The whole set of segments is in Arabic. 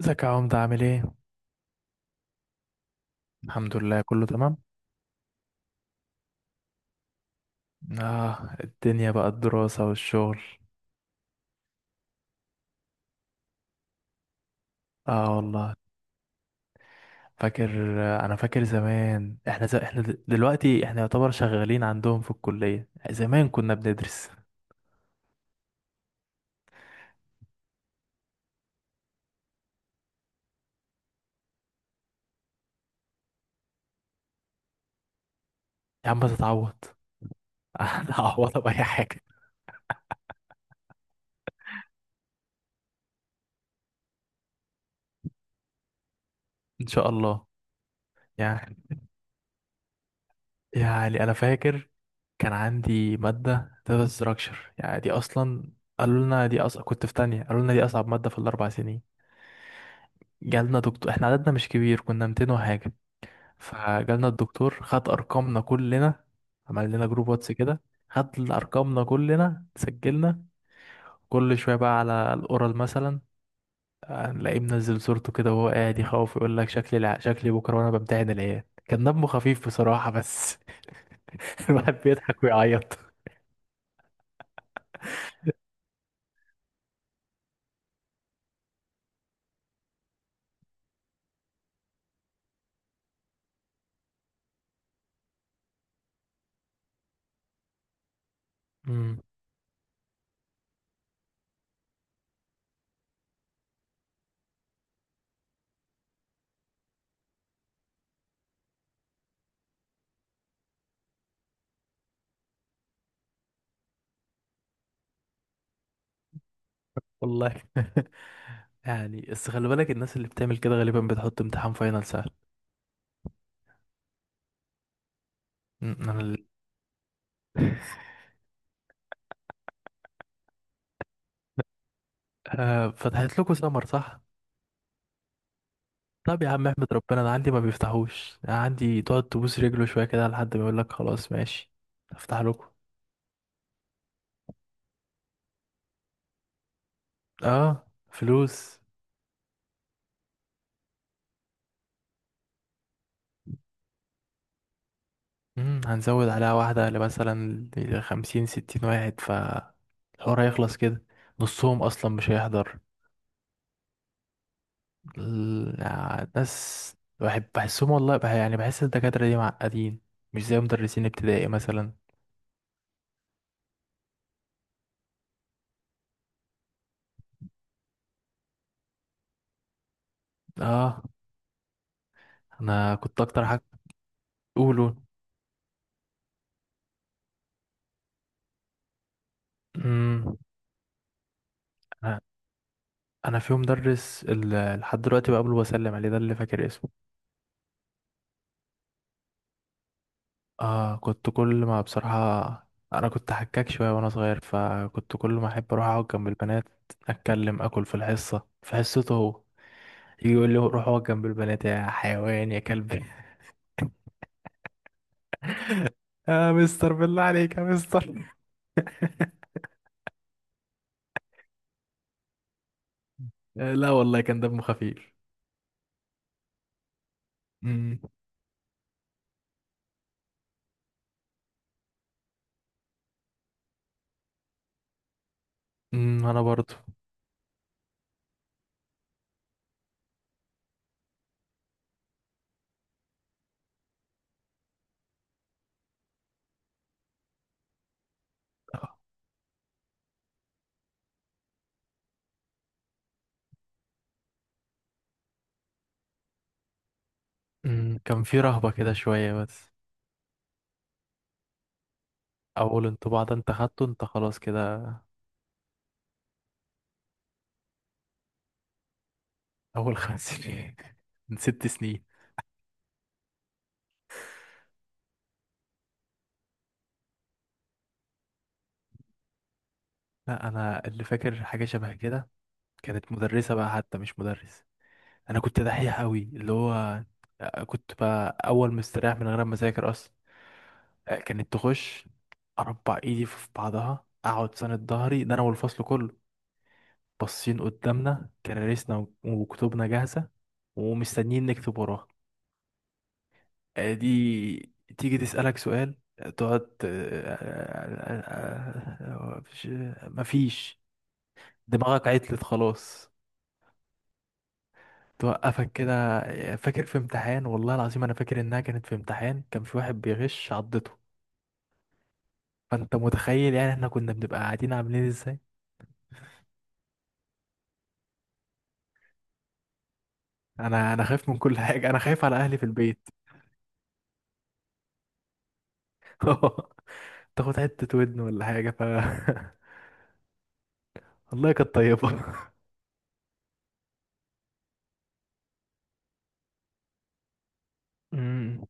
ازيك يا عمدة، عامل ايه؟ الحمد لله، كله تمام. اه، الدنيا بقى الدراسة والشغل. اه والله. فاكر. انا فاكر زمان احنا دلوقتي احنا يعتبر شغالين عندهم في الكلية، زمان كنا بندرس. يا عم تتعوض. هتعوضها بأي حاجة؟ ان شاء الله. يعني يعني انا فاكر كان عندي مادة داتا ستراكشر، يعني دي اصلا قالوا لنا دي أص... كنت في تانية، قالوا لنا دي اصعب مادة في الاربع سنين. جالنا دكتور، احنا عددنا مش كبير، كنا 200 وحاجة. فجالنا الدكتور خد ارقامنا كلنا، عمل لنا جروب واتس كده، خد ارقامنا كلنا، سجلنا. كل شويه بقى على الاورال مثلا هنلاقيه منزل صورته كده وهو قاعد يخوف، يقول لك شكلي بكره وانا بمتحن العيال. كان دمه خفيف بصراحه، بس الواحد بيضحك ويعيط. امم. والله. يعني بس خلي بالك، الناس اللي بتعمل كده غالبا بتحط امتحان فاينل سهل. أمم، انا ال- فتحت لكم سمر، صح؟ طب يا عم احمد، ربنا انا عندي ما بيفتحوش، أنا عندي تقعد تبوس رجله شويه كده لحد ما يقول لك خلاص ماشي. افتح لكم. اه، فلوس. هنزود عليها واحده لمثلا 50 60 واحد، ف الحوار هيخلص كده. نصهم اصلا مش هيحضر. يعني ناس بحب بحسهم والله، يعني بحس الدكاتره دي معقدين، مش زي مدرسين ابتدائي مثلا. اه. انا كنت اكتر حاجه. قولوا. امم. انا في مدرس لحد دلوقتي بقابله وبسلم عليه، ده اللي فاكر اسمه. اه كنت كل ما بصراحة. انا كنت حكاك شوية وانا صغير، فكنت كل ما احب اروح اقعد جنب البنات، اتكلم اكل في حصته هو، يجي يقول لي روح اقعد جنب البنات يا حيوان يا كلب. يا مستر، بالله عليك يا مستر. آه لا والله، كان دمه خفيف. امم. انا برضو. كان في رهبة كده شوية بس. اول انطباع ده انت خدته انت، خلاص كده. اول خمس سنين من ست سنين. لا، انا اللي فاكر حاجه شبه كده. كانت مدرسه بقى، حتى مش مدرس. انا كنت دحيح قوي، اللي هو كنت بقى اول مستريح من غير ما اذاكر اصلا. كانت تخش اربع ايدي في بعضها، اقعد ساند ظهري، ده انا والفصل كله باصين قدامنا كراريسنا وكتبنا جاهزه، ومستنيين نكتب وراها. دي تيجي تسالك سؤال، تقعد آه، آه، مفيش. دماغك عطلت خلاص، توقفك كده. فاكر في امتحان، والله العظيم انا فاكر انها كانت في امتحان، كان في واحد بيغش عضته. فانت متخيل يعني، احنا كنا بنبقى قاعدين عاملين ازاي. انا خايف من كل حاجه، انا خايف على اهلي في البيت. تاخد حته ودن ولا حاجه والله كانت طيبه. امم.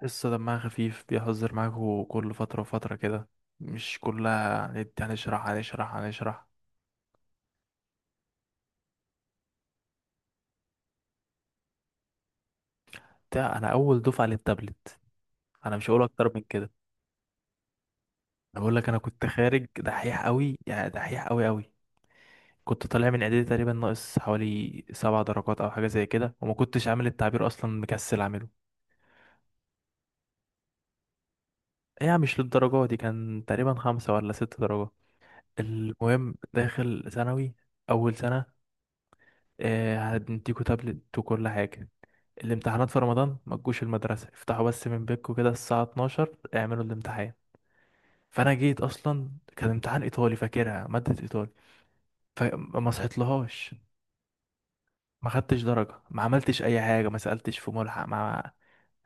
تحسه دمها خفيف، بيهزر معاك كل فتره وفتره كده، مش كلها. هنشرح هنشرح هنشرح. انا اول دفعه للتابلت، انا مش هقول اكتر من كده. انا بقول لك انا كنت خارج دحيح قوي، يعني دحيح قوي قوي. كنت طالع من اعدادي تقريبا ناقص حوالي 7 درجات او حاجه زي كده، وما كنتش عامل التعبير اصلا، مكسل عامله. يعني مش للدرجه دي، كان تقريبا خمسة ولا ست درجات. المهم داخل ثانوي، اول سنه. آه هنديكوا تابلت وكل حاجه. الامتحانات في رمضان ما تجوش المدرسه، افتحوا بس من بيتكم كده الساعه 12 اعملوا الامتحان. فانا جيت اصلا، كان امتحان ايطالي، فاكرها ماده ايطالي. فما صحيت لهاش، ما خدتش درجة، ما عملتش اي حاجة، ما سألتش في ملحق، ما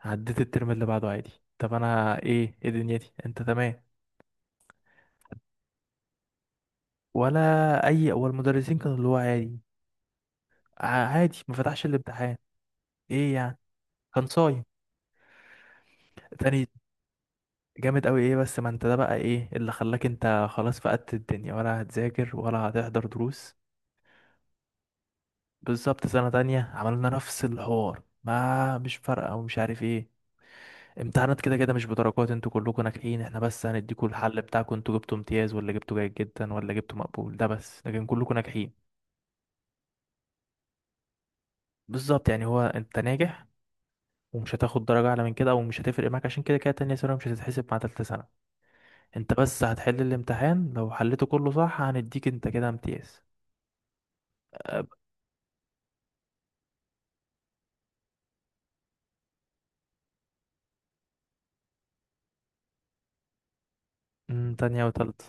عديت الترم اللي بعده عادي. طب انا ايه دنيتي؟ انت تمام؟ ولا اي، اول مدرسين كانوا اللي هو عادي، عادي، ما فتحش الامتحان ايه يعني، كان صايم. تاني جامد قوي ايه، بس ما انت ده بقى ايه اللي خلاك انت خلاص فقدت الدنيا، ولا هتذاكر ولا هتحضر دروس. بالظبط، سنة تانية عملنا نفس الحوار ما، مش فارقة، ومش عارف ايه. امتحانات كده كده مش بدرجات، انتوا كلكم ناجحين، احنا بس هنديكوا الحل بتاعكم، انتوا جبتوا امتياز ولا جبتوا جيد جدا ولا جبتوا مقبول ده بس، لكن كلكم ناجحين. بالظبط يعني، هو انت ناجح، ومش هتاخد درجة اعلى من كده، او مش هتفرق معاك عشان كده كده تانية ثانوي مش هتتحسب مع تالتة ثانوي. انت بس هتحل الامتحان، لو حليته كله صح هنديك انت كده امتياز. أب- تانية وتالتة.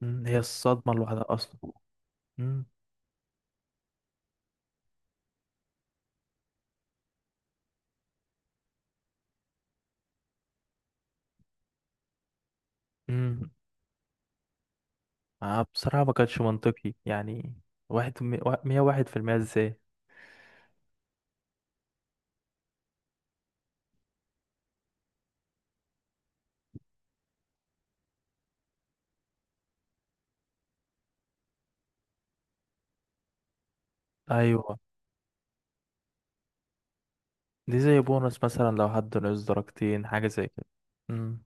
هي الصدمة لوحدها اصلا. مم. مم. بصراحة ما كانش منطقي يعني، واحد، 101% ازاي؟ ايوه. دي زي بونص مثلا لو حد نقص درجتين، حاجة زي كده. امم.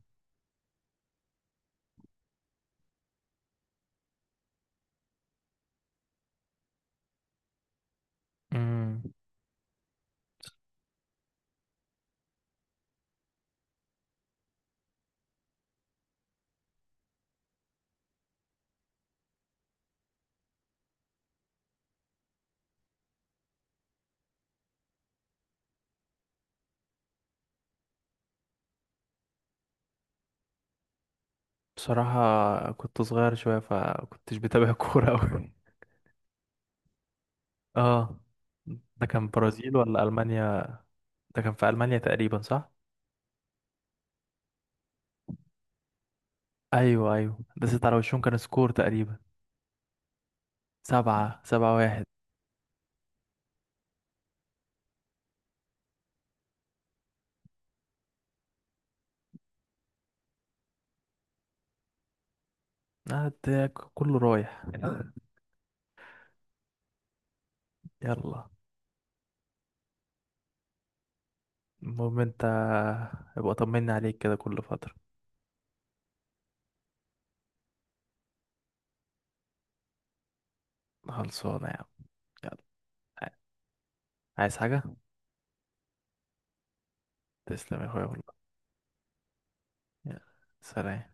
امم. بصراحة كنت صغير شوية، فكنتش بتابع كورة أوي. اه. ده كان برازيل ولا ألمانيا؟ ده كان في ألمانيا تقريبا، صح؟ أيوه، أيوه، ده ست على وشهم كان سكور تقريبا، سبعة سبعة واحد. ده كله رايح. يلا. المهم انت ابقى طمني عليك كده كل فترة. خلصانة يا عم. يلا. عايز حاجة؟ تسلم يا اخويا والله. يلا. سلام.